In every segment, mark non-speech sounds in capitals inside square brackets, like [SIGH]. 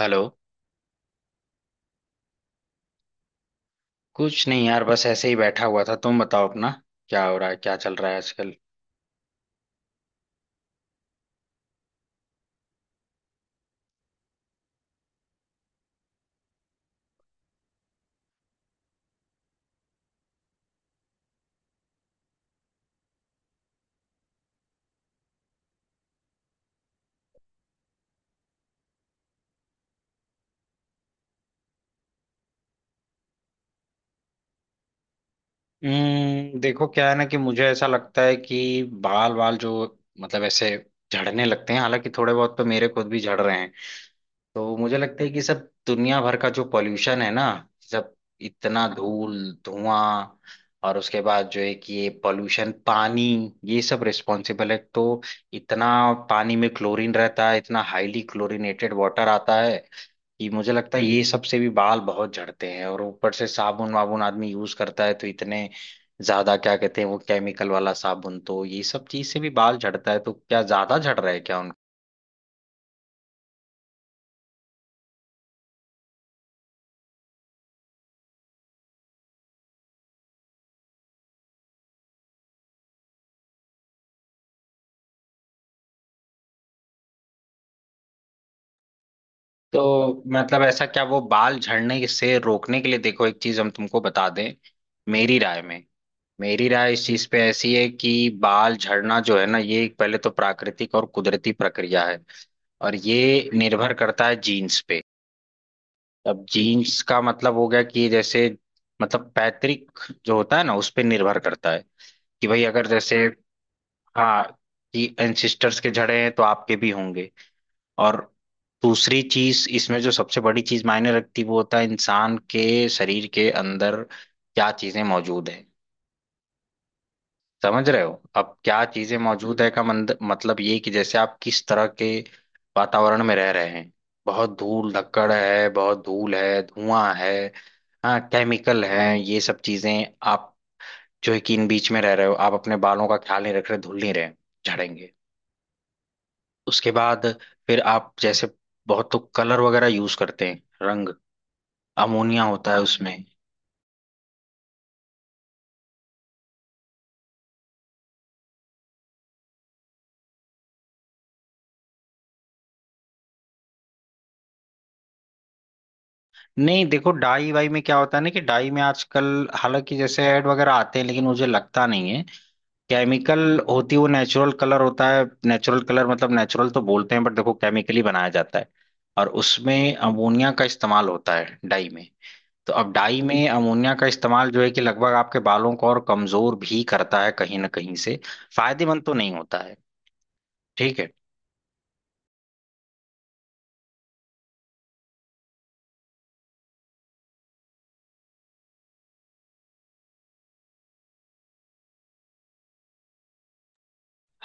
Hello. कुछ नहीं यार, बस ऐसे ही बैठा हुआ था। तुम बताओ अपना, क्या हो रहा है, क्या चल रहा है आजकल। हम्म, देखो क्या है ना कि मुझे ऐसा लगता है कि बाल बाल जो मतलब ऐसे झड़ने लगते हैं, हालांकि थोड़े बहुत तो मेरे खुद भी झड़ रहे हैं। तो मुझे लगता है कि सब दुनिया भर का जो पॉल्यूशन है ना, सब, इतना धूल, धुआं, और उसके बाद जो है कि ये पॉल्यूशन पानी, ये सब रिस्पॉन्सिबल है। तो इतना पानी में क्लोरीन रहता है, इतना हाईली क्लोरीनेटेड वाटर आता है कि मुझे लगता है ये सबसे भी बाल बहुत झड़ते हैं। और ऊपर से साबुन वाबुन आदमी यूज करता है तो इतने ज्यादा क्या कहते हैं वो केमिकल वाला साबुन, तो ये सब चीज से भी बाल झड़ता है। तो क्या ज्यादा झड़ रहा है क्या? तो मतलब ऐसा क्या वो बाल झड़ने से रोकने के लिए, देखो एक चीज हम तुमको बता दें, मेरी राय में, मेरी राय इस चीज पे ऐसी है कि बाल झड़ना जो है ना, ये एक पहले तो प्राकृतिक और कुदरती प्रक्रिया है। और ये निर्भर करता है जीन्स पे। अब जीन्स का मतलब हो गया कि ये जैसे मतलब पैतृक जो होता है ना, उस पे निर्भर करता है कि भाई अगर जैसे, हाँ, कि एंसिस्टर्स के झड़े हैं तो आपके भी होंगे। और दूसरी चीज इसमें जो सबसे बड़ी चीज मायने रखती वो होता है इंसान के शरीर के अंदर क्या चीजें मौजूद है। समझ रहे हो, अब क्या चीजें मौजूद है का मंद, मतलब ये कि जैसे आप किस तरह के वातावरण में रह रहे हैं। बहुत धूल धक्कड़ है, बहुत धूल है, धुआं है, हाँ, केमिकल है, ये सब चीजें आप जो है कि इन बीच में रह रहे हो, आप अपने बालों का ख्याल नहीं रख रहे, धुल नहीं रहे, झड़ेंगे। उसके बाद फिर आप जैसे बहुत तो कलर वगैरह यूज करते हैं, रंग, अमोनिया होता है उसमें। नहीं देखो, डाई वाई में क्या होता है ना, कि डाई में आजकल हालांकि जैसे ऐड वगैरह आते हैं, लेकिन मुझे लगता नहीं है, केमिकल होती है। वो नेचुरल कलर होता है, नेचुरल कलर मतलब नेचुरल तो बोलते हैं बट देखो केमिकली बनाया जाता है। और उसमें अमोनिया का इस्तेमाल होता है डाई में। तो अब डाई में अमोनिया का इस्तेमाल जो है कि लगभग आपके बालों को और कमजोर भी करता है कहीं ना कहीं से। फायदेमंद तो नहीं होता है। ठीक है।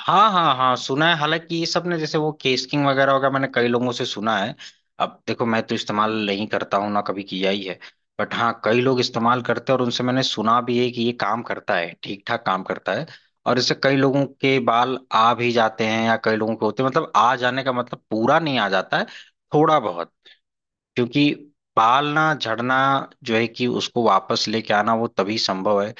हाँ हाँ हाँ सुना है, हालांकि ये सब ने जैसे वो केस किंग वगैरह वगैरह, मैंने कई लोगों से सुना है। अब देखो मैं तो इस्तेमाल नहीं करता हूँ, ना कभी किया ही है, बट हाँ कई लोग इस्तेमाल करते हैं और उनसे मैंने सुना भी है कि ये काम करता है, ठीक ठाक काम करता है। और इससे कई लोगों के बाल आ भी जाते हैं, या कई लोगों के होते हैं, मतलब आ जाने का मतलब पूरा नहीं आ जाता है, थोड़ा बहुत। क्योंकि बाल ना झड़ना जो है कि उसको वापस लेके आना, वो तभी संभव है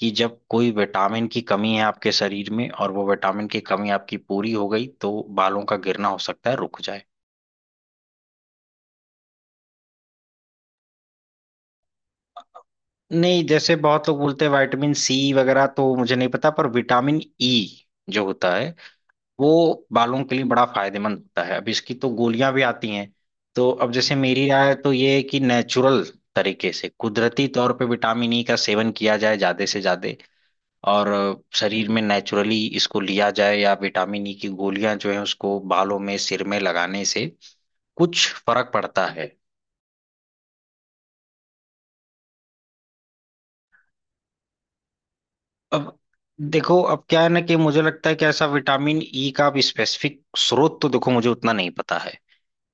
कि जब कोई विटामिन की कमी है आपके शरीर में और वो विटामिन की कमी आपकी पूरी हो गई, तो बालों का गिरना हो सकता है रुक जाए। नहीं जैसे बहुत लोग बोलते हैं विटामिन सी वगैरह, तो मुझे नहीं पता, पर विटामिन ई जो होता है वो बालों के लिए बड़ा फायदेमंद होता है। अब इसकी तो गोलियां भी आती हैं। तो अब जैसे मेरी राय तो ये है कि नेचुरल तरीके से कुदरती तौर पे विटामिन ई का सेवन किया जाए ज्यादा से ज्यादा। और शरीर में नेचुरली इसको लिया जाए, या विटामिन ई की गोलियां जो है उसको बालों में सिर में लगाने से कुछ फर्क पड़ता है। अब देखो अब क्या है ना कि मुझे लगता है कि ऐसा विटामिन ई का अब स्पेसिफिक स्रोत, तो देखो मुझे उतना नहीं पता है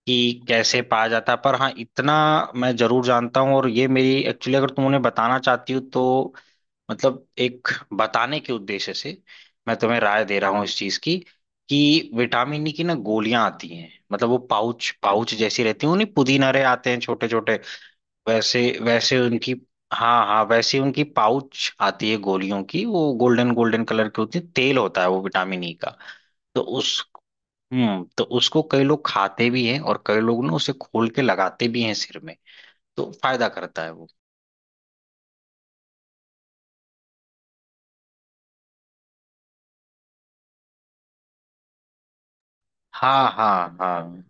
कि कैसे पाया जाता है। पर हाँ इतना मैं जरूर जानता हूँ, और ये मेरी एक्चुअली अगर तुम उन्हें बताना चाहती हो तो मतलब एक बताने के उद्देश्य से मैं तुम्हें राय दे रहा हूँ इस चीज की, कि विटामिन ई की ना गोलियां आती हैं, मतलब वो पाउच पाउच जैसी रहती हैं, उन्हीं पुदीना रहे आते हैं छोटे छोटे, वैसे वैसे उनकी हाँ हाँ वैसे उनकी पाउच आती है गोलियों की, वो गोल्डन गोल्डन कलर की होती है, तेल होता है वो विटामिन ई का। तो उस हम्म, तो उसको कई लोग खाते भी हैं और कई लोग ना उसे खोल के लगाते भी हैं सिर में। तो फायदा करता है वो। हाँ हाँ हाँ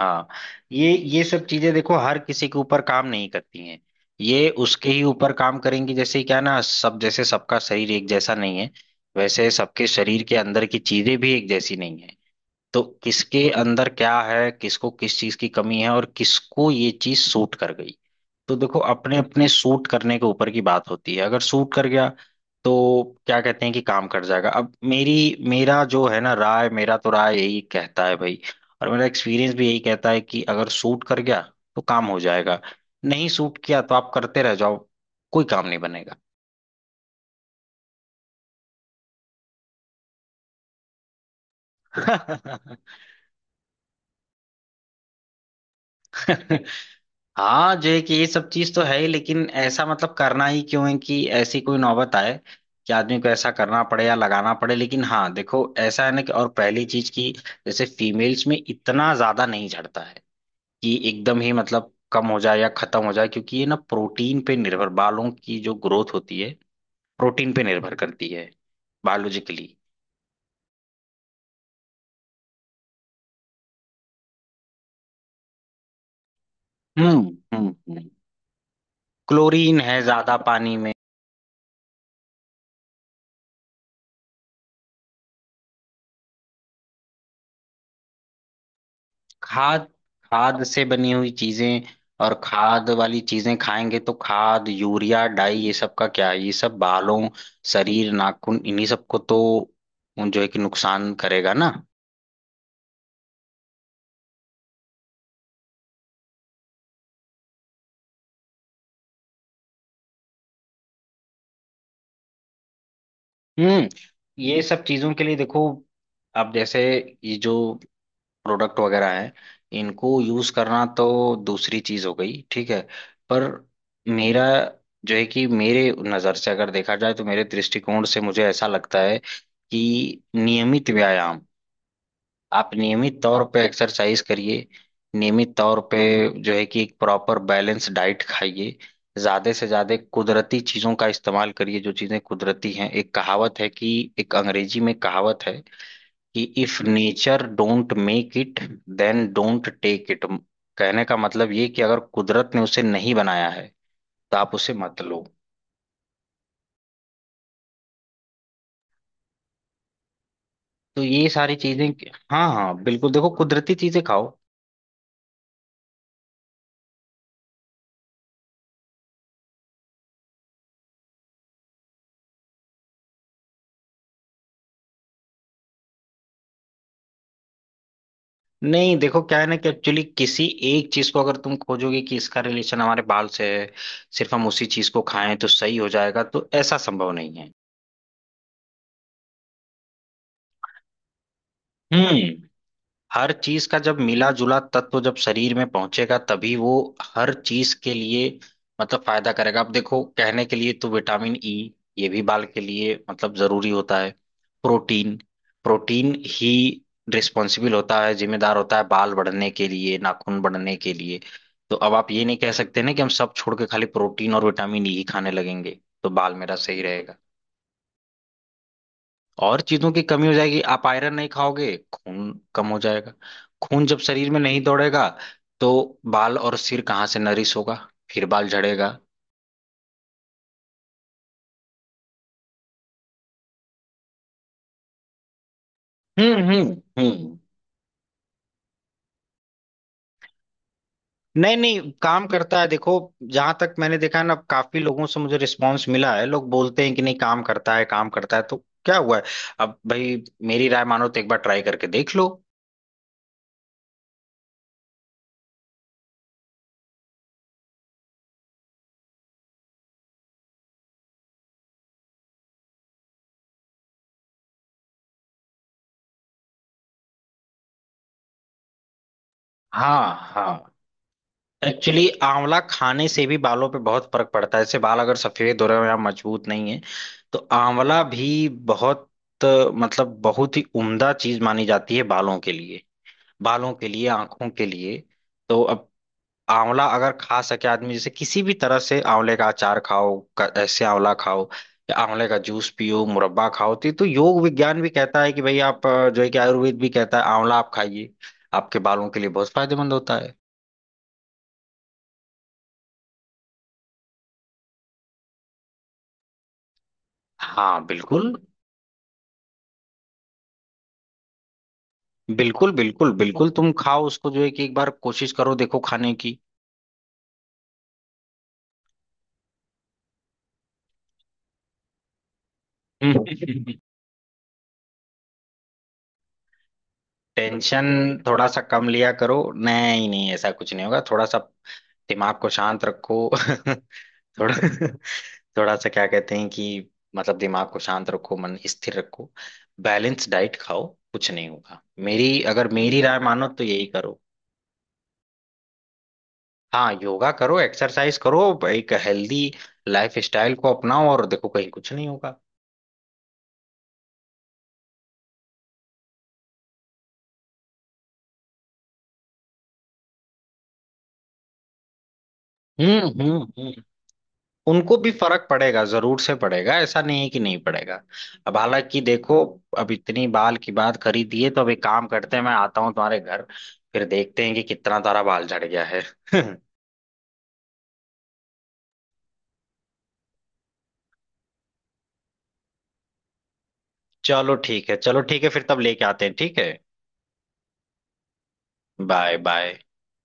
हाँ, ये सब चीजें देखो हर किसी के ऊपर काम नहीं करती हैं। ये उसके ही ऊपर काम करेंगी, जैसे क्या है ना, सब जैसे सबका शरीर एक जैसा नहीं है, वैसे सबके शरीर के अंदर की चीजें भी एक जैसी नहीं है। तो किसके अंदर क्या है, किसको किस चीज की कमी है और किसको ये चीज सूट कर गई। तो देखो अपने अपने सूट करने के ऊपर की बात होती है। अगर सूट कर गया तो क्या कहते हैं कि काम कर जाएगा। अब मेरी मेरा जो है ना राय, मेरा तो राय यही कहता है भाई, और मेरा एक्सपीरियंस भी यही कहता है कि अगर सूट कर गया तो काम हो जाएगा, नहीं सूट किया तो आप करते रह जाओ, कोई काम नहीं बनेगा। [LAUGHS] हाँ जो है कि ये सब चीज तो है ही, लेकिन ऐसा मतलब करना ही क्यों है कि ऐसी कोई नौबत आए कि आदमी को ऐसा करना पड़े या लगाना पड़े। लेकिन हाँ देखो ऐसा है ना, कि और पहली चीज की जैसे फीमेल्स में इतना ज्यादा नहीं झड़ता है कि एकदम ही मतलब कम हो जाए या खत्म हो जाए, क्योंकि ये ना प्रोटीन पे निर्भर, बालों की जो ग्रोथ होती है प्रोटीन पे निर्भर करती है, बायोलॉजिकली। हम्म, क्लोरीन है ज्यादा पानी में। खाद, खाद से बनी हुई चीजें, और खाद वाली चीजें खाएंगे तो खाद यूरिया डाई ये सब का क्या है? ये सब बालों, शरीर, नाखून, इन्हीं सबको तो जो है कि नुकसान करेगा ना। हम्म, ये सब चीजों के लिए देखो, अब जैसे ये जो प्रोडक्ट वगैरह हैं, इनको यूज करना तो दूसरी चीज हो गई, ठीक है। पर मेरा जो है कि मेरे नजर से अगर देखा जाए, तो मेरे दृष्टिकोण से मुझे ऐसा लगता है कि नियमित व्यायाम, आप नियमित तौर पे एक्सरसाइज करिए, नियमित तौर पे जो है कि एक प्रॉपर बैलेंस डाइट खाइए, ज्यादा से ज्यादा कुदरती चीजों का इस्तेमाल करिए। जो चीजें कुदरती हैं, एक कहावत है कि, एक अंग्रेजी में कहावत है कि, if nature don't make it, then don't take it. कहने का मतलब ये कि अगर कुदरत ने उसे नहीं बनाया है, तो आप उसे मत लो। तो ये सारी चीजें कि- हाँ हाँ बिल्कुल, देखो कुदरती चीजें खाओ। नहीं देखो क्या है ना कि एक्चुअली किसी एक चीज को अगर तुम खोजोगे कि इसका रिलेशन हमारे बाल से है, सिर्फ हम उसी चीज को खाएं तो सही हो जाएगा, तो ऐसा संभव नहीं है। हम्म, हर चीज का जब मिला जुला तत्व जब शरीर में पहुंचेगा तभी वो हर चीज के लिए मतलब फायदा करेगा। अब देखो कहने के लिए तो विटामिन ई ये भी बाल के लिए मतलब जरूरी होता है, प्रोटीन, प्रोटीन ही रिस्पॉन्सिबल होता है, जिम्मेदार होता है बाल बढ़ने के लिए, नाखून बढ़ने के लिए। तो अब आप ये नहीं कह सकते ना कि हम सब छोड़ के खाली प्रोटीन और विटामिन ई ही खाने लगेंगे तो बाल मेरा सही रहेगा। और चीजों की कमी हो जाएगी, आप आयरन नहीं खाओगे खून कम हो जाएगा, खून जब शरीर में नहीं दौड़ेगा तो बाल और सिर कहाँ से नरिश होगा, फिर बाल झड़ेगा। हम्म हम्म हम्म, नहीं नहीं काम करता है देखो, जहां तक मैंने देखा है ना, काफी लोगों से मुझे रिस्पांस मिला है, लोग बोलते हैं कि नहीं काम करता है, काम करता है। तो क्या हुआ है, अब भाई मेरी राय मानो तो एक बार ट्राई करके देख लो। हाँ हाँ, एक्चुअली आंवला खाने से भी बालों पे बहुत फर्क पड़ता है। जैसे बाल अगर सफेद हो रहे हो या मजबूत नहीं है, तो आंवला भी बहुत अ, मतलब बहुत ही उम्दा चीज मानी जाती है बालों के लिए, बालों के लिए, आंखों के लिए। तो अब आंवला अगर खा सके आदमी, जैसे किसी भी तरह से आंवले का अचार खाओ, ऐसे आंवला खाओ, या आंवले का जूस पियो, मुरब्बा खाओ, तो ये तो योग विज्ञान भी कहता है कि भाई आप जो है कि आयुर्वेद भी कहता है आंवला आप खाइए, आपके बालों के लिए बहुत फायदेमंद होता है। हाँ बिल्कुल बिल्कुल बिल्कुल बिल्कुल, तुम खाओ उसको, जो है कि एक बार कोशिश करो देखो खाने की। [LAUGHS] हम्म। टेंशन थोड़ा सा कम लिया करो, नहीं नहीं ऐसा कुछ नहीं होगा, थोड़ा सा दिमाग को शांत रखो। [LAUGHS] थोड़ा, थोड़ा सा क्या कहते हैं कि मतलब दिमाग को शांत रखो, मन स्थिर रखो, बैलेंस डाइट खाओ, कुछ नहीं होगा। मेरी अगर मेरी राय मानो तो यही करो। हाँ योगा करो, एक्सरसाइज करो, एक हेल्दी लाइफ स्टाइल को अपनाओ, और देखो कहीं कुछ नहीं होगा। हम्म, उनको भी फर्क पड़ेगा, जरूर से पड़ेगा, ऐसा नहीं है कि नहीं पड़ेगा। अब हालांकि देखो, अब इतनी बाल की बात करी दी है तो अब एक काम करते हैं, मैं आता हूँ तुम्हारे घर, फिर देखते हैं कि कितना तारा बाल झड़ गया है। [LAUGHS] चलो ठीक है, चलो ठीक है, फिर तब लेके आते हैं ठीक है। Bye bye.